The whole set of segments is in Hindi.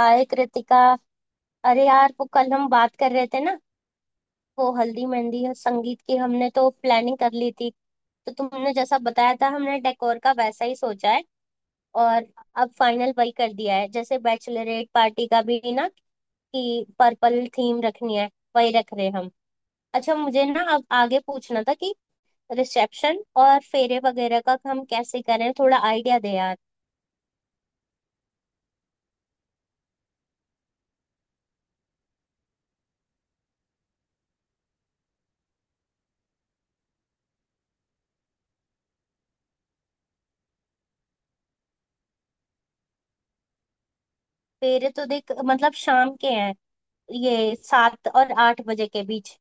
हाय कृतिका। अरे यार, वो कल हम बात कर रहे थे ना। वो हल्दी मेहंदी और संगीत की हमने तो प्लानिंग कर ली थी। तो तुमने जैसा बताया था हमने डेकोर का वैसा ही सोचा है। और अब फाइनल वही कर दिया है जैसे बैचलरेट पार्टी का भी ना, कि पर्पल थीम रखनी है। वही रख रहे हैं हम। अच्छा मुझे ना अब आगे पूछना था कि रिसेप्शन और फेरे वगैरह का हम कैसे करें, थोड़ा आइडिया दे यार। फेरे तो देख मतलब शाम के हैं, ये 7 और 8 बजे के बीच।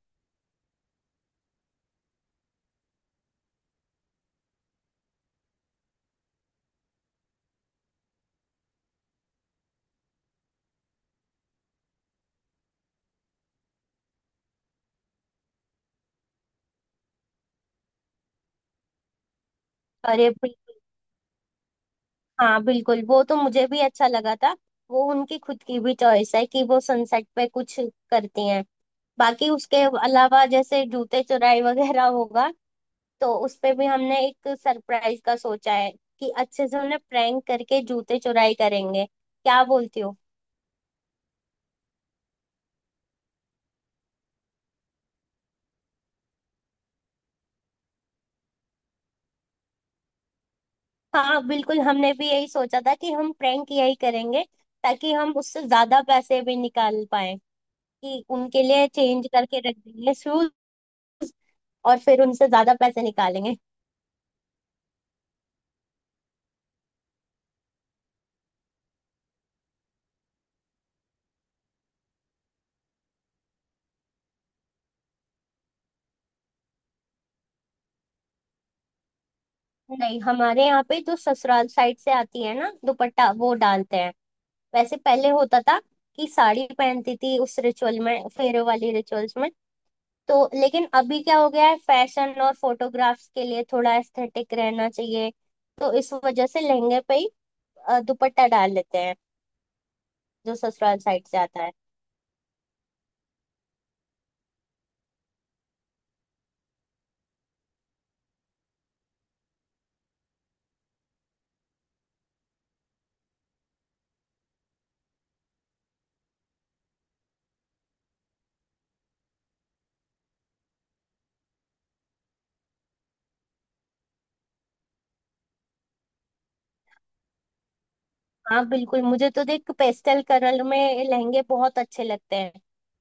अरे बिल्कुल। हाँ बिल्कुल, वो तो मुझे भी अच्छा लगा था। वो उनकी खुद की भी चॉइस है कि वो सनसेट पे कुछ करती हैं। बाकी उसके अलावा जैसे जूते चुराई वगैरह होगा तो उस पे भी हमने एक सरप्राइज का सोचा है कि अच्छे से उन्हें प्रैंक करके जूते चुराई करेंगे, क्या बोलती हो। हाँ बिल्कुल, हमने भी यही सोचा था कि हम प्रैंक यही करेंगे, ताकि हम उससे ज्यादा पैसे भी निकाल पाए। कि उनके लिए चेंज करके रख देंगे शूज, और फिर उनसे ज्यादा पैसे निकालेंगे। नहीं, हमारे यहाँ पे जो ससुराल साइड से आती है ना दुपट्टा, वो डालते हैं। वैसे पहले होता था कि साड़ी पहनती थी उस रिचुअल में, फेरे वाली रिचुअल्स में। तो लेकिन अभी क्या हो गया है, फैशन और फोटोग्राफ्स के लिए थोड़ा एस्थेटिक रहना चाहिए। तो इस वजह से लहंगे पे ही दुपट्टा डाल लेते हैं, जो ससुराल साइड से आता है। हाँ बिल्कुल, मुझे तो देख पेस्टल कलर में लहंगे बहुत अच्छे लगते हैं।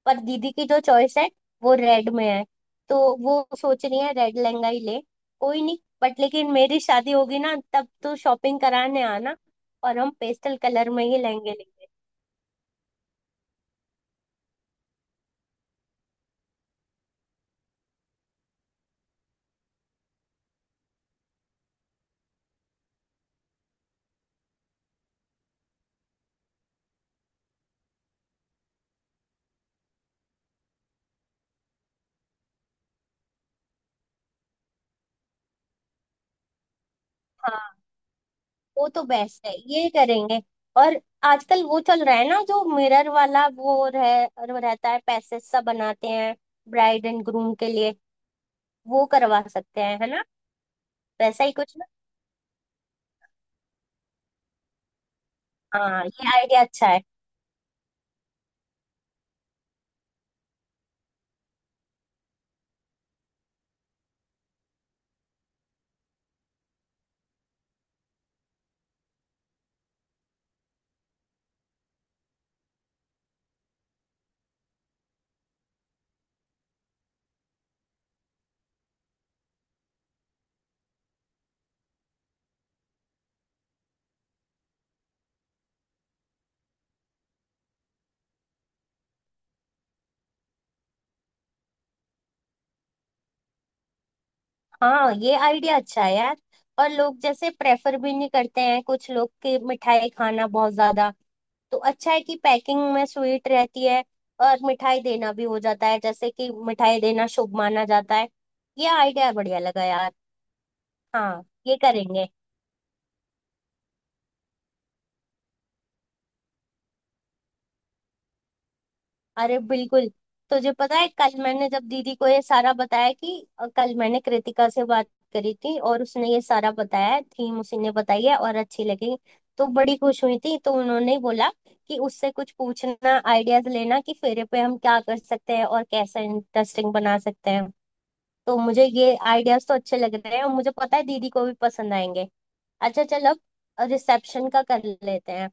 पर दीदी की जो चॉइस है वो रेड में है। तो वो सोच रही है रेड लहंगा ही ले। कोई नहीं, बट लेकिन मेरी शादी होगी ना, तब तो शॉपिंग कराने आना, और हम पेस्टल कलर में ही लहंगे लेंगे। हाँ वो तो बेस्ट है, ये करेंगे। और आजकल वो चल रहा है ना, जो मिरर वाला, वो रहता है, पैसेज सा बनाते हैं ब्राइड एंड ग्रूम के लिए। वो करवा सकते हैं है ना, वैसा ही कुछ। हाँ ये आइडिया अच्छा है। हाँ ये आइडिया अच्छा है यार। और लोग जैसे प्रेफर भी नहीं करते हैं, कुछ लोग की मिठाई खाना बहुत ज्यादा। तो अच्छा है कि पैकिंग में स्वीट रहती है, और मिठाई देना भी हो जाता है, जैसे कि मिठाई देना शुभ माना जाता है। ये आइडिया बढ़िया लगा यार। हाँ ये करेंगे। अरे बिल्कुल। तुझे पता है कल मैंने जब दीदी को ये सारा बताया कि कल मैंने कृतिका से बात करी थी और उसने ये सारा बताया है, थीम उसी ने बताई है और अच्छी लगी, तो बड़ी खुश हुई थी। तो उन्होंने ही बोला कि उससे कुछ पूछना, आइडियाज लेना कि फेरे पे हम क्या कर सकते हैं और कैसे इंटरेस्टिंग बना सकते हैं। तो मुझे ये आइडियाज तो अच्छे लग रहे हैं, और मुझे पता है दीदी को भी पसंद आएंगे। अच्छा चल, अब रिसेप्शन का कर लेते हैं।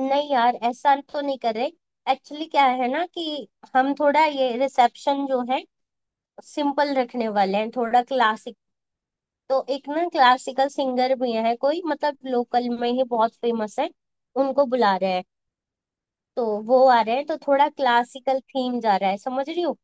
नहीं यार, ऐसा तो नहीं कर रहे। एक्चुअली क्या है ना, कि हम थोड़ा ये रिसेप्शन जो है सिंपल रखने वाले हैं, थोड़ा क्लासिक। तो एक ना क्लासिकल सिंगर भी है कोई, मतलब लोकल में ही बहुत फेमस है, उनको बुला रहे हैं। तो वो आ रहे हैं, तो थोड़ा क्लासिकल थीम जा रहा है, समझ रही हो।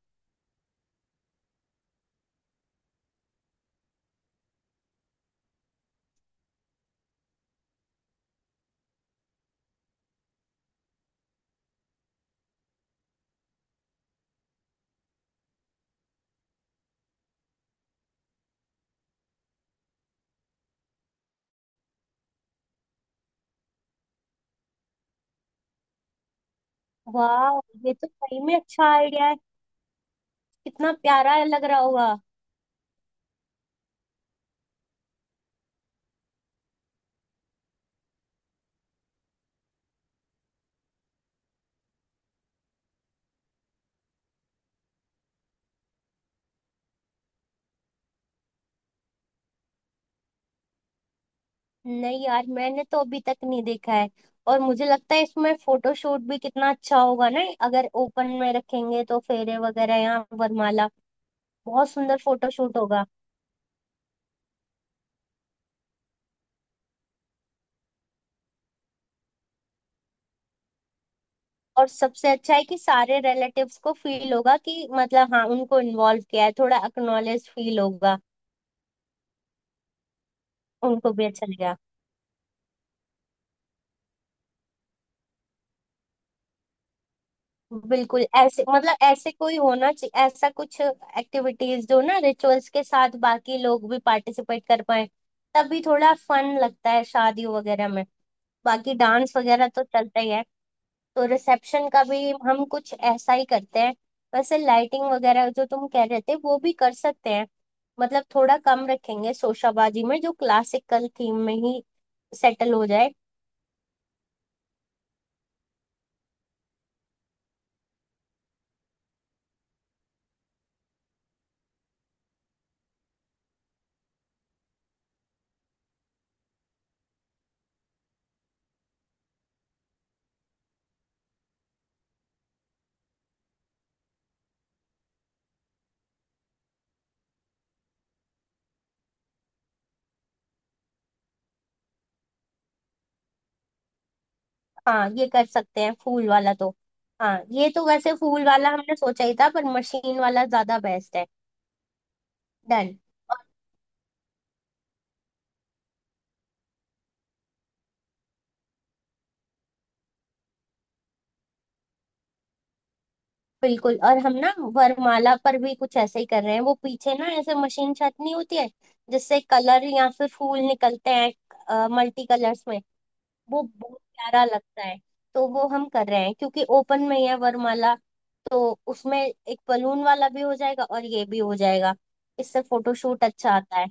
वाह, ये तो सही में अच्छा आइडिया है। कितना प्यारा लग रहा होगा। नहीं यार, मैंने तो अभी तक नहीं देखा है। और मुझे लगता है इसमें फोटोशूट भी कितना अच्छा होगा ना, अगर ओपन में रखेंगे तो फेरे वगैरह या वरमाला, बहुत सुंदर फोटोशूट होगा। और सबसे अच्छा है कि सारे रिलेटिव्स को फील होगा कि मतलब हाँ, उनको इन्वॉल्व किया है, थोड़ा अक्नॉलेज फील होगा। उनको भी अच्छा लगेगा। बिल्कुल, ऐसे मतलब ऐसे कोई होना चाहिए ऐसा कुछ एक्टिविटीज जो ना रिचुअल्स के साथ बाकी लोग भी पार्टिसिपेट कर पाए। तभी थोड़ा फन लगता है शादी वगैरह में। बाकी डांस वगैरह तो चलता ही है। तो रिसेप्शन का भी हम कुछ ऐसा ही करते हैं। वैसे लाइटिंग वगैरह जो तुम कह रहे थे वो भी कर सकते हैं। मतलब थोड़ा कम रखेंगे शोशाबाजी में, जो क्लासिकल थीम में ही सेटल हो जाए। हाँ ये कर सकते हैं, फूल वाला तो। हाँ ये तो वैसे फूल वाला हमने सोचा ही था, पर मशीन वाला ज्यादा बेस्ट है। डन। बिल्कुल, और हम ना वरमाला पर भी कुछ ऐसे ही कर रहे हैं। वो पीछे ना ऐसे मशीन छाटनी होती है, जिससे कलर या फिर फूल निकलते हैं, मल्टी कलर्स में। वो बहुत प्यारा लगता है। तो वो हम कर रहे हैं, क्योंकि ओपन में ही है वरमाला। तो उसमें एक बलून वाला भी हो जाएगा और ये भी हो जाएगा, इससे फोटोशूट अच्छा आता है।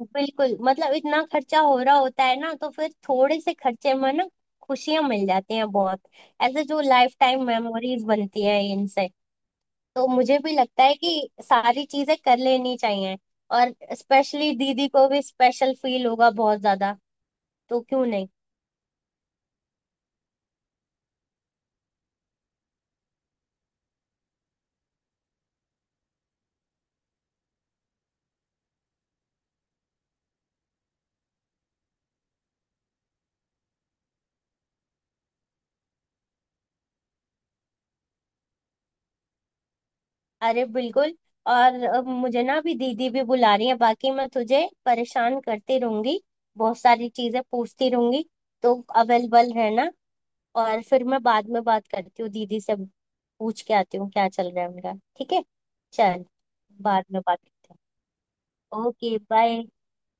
बिल्कुल, मतलब इतना खर्चा हो रहा होता है ना, तो फिर थोड़े से खर्चे में ना खुशियां मिल जाती हैं बहुत। ऐसे जो लाइफ टाइम मेमोरीज बनती है इनसे। तो मुझे भी लगता है कि सारी चीजें कर लेनी चाहिए, और स्पेशली दीदी को भी स्पेशल फील होगा बहुत ज्यादा, तो क्यों नहीं। अरे बिल्कुल। और मुझे ना अभी दीदी भी बुला रही है, बाकी मैं तुझे परेशान करती रहूंगी, बहुत सारी चीजें पूछती रहूंगी। तो अवेलेबल रहना। और फिर मैं बाद में बात करती हूँ दीदी से, पूछ के आती हूँ क्या चल रहा है उनका। ठीक है, चल, बाद में बात करते हैं। Okay bye.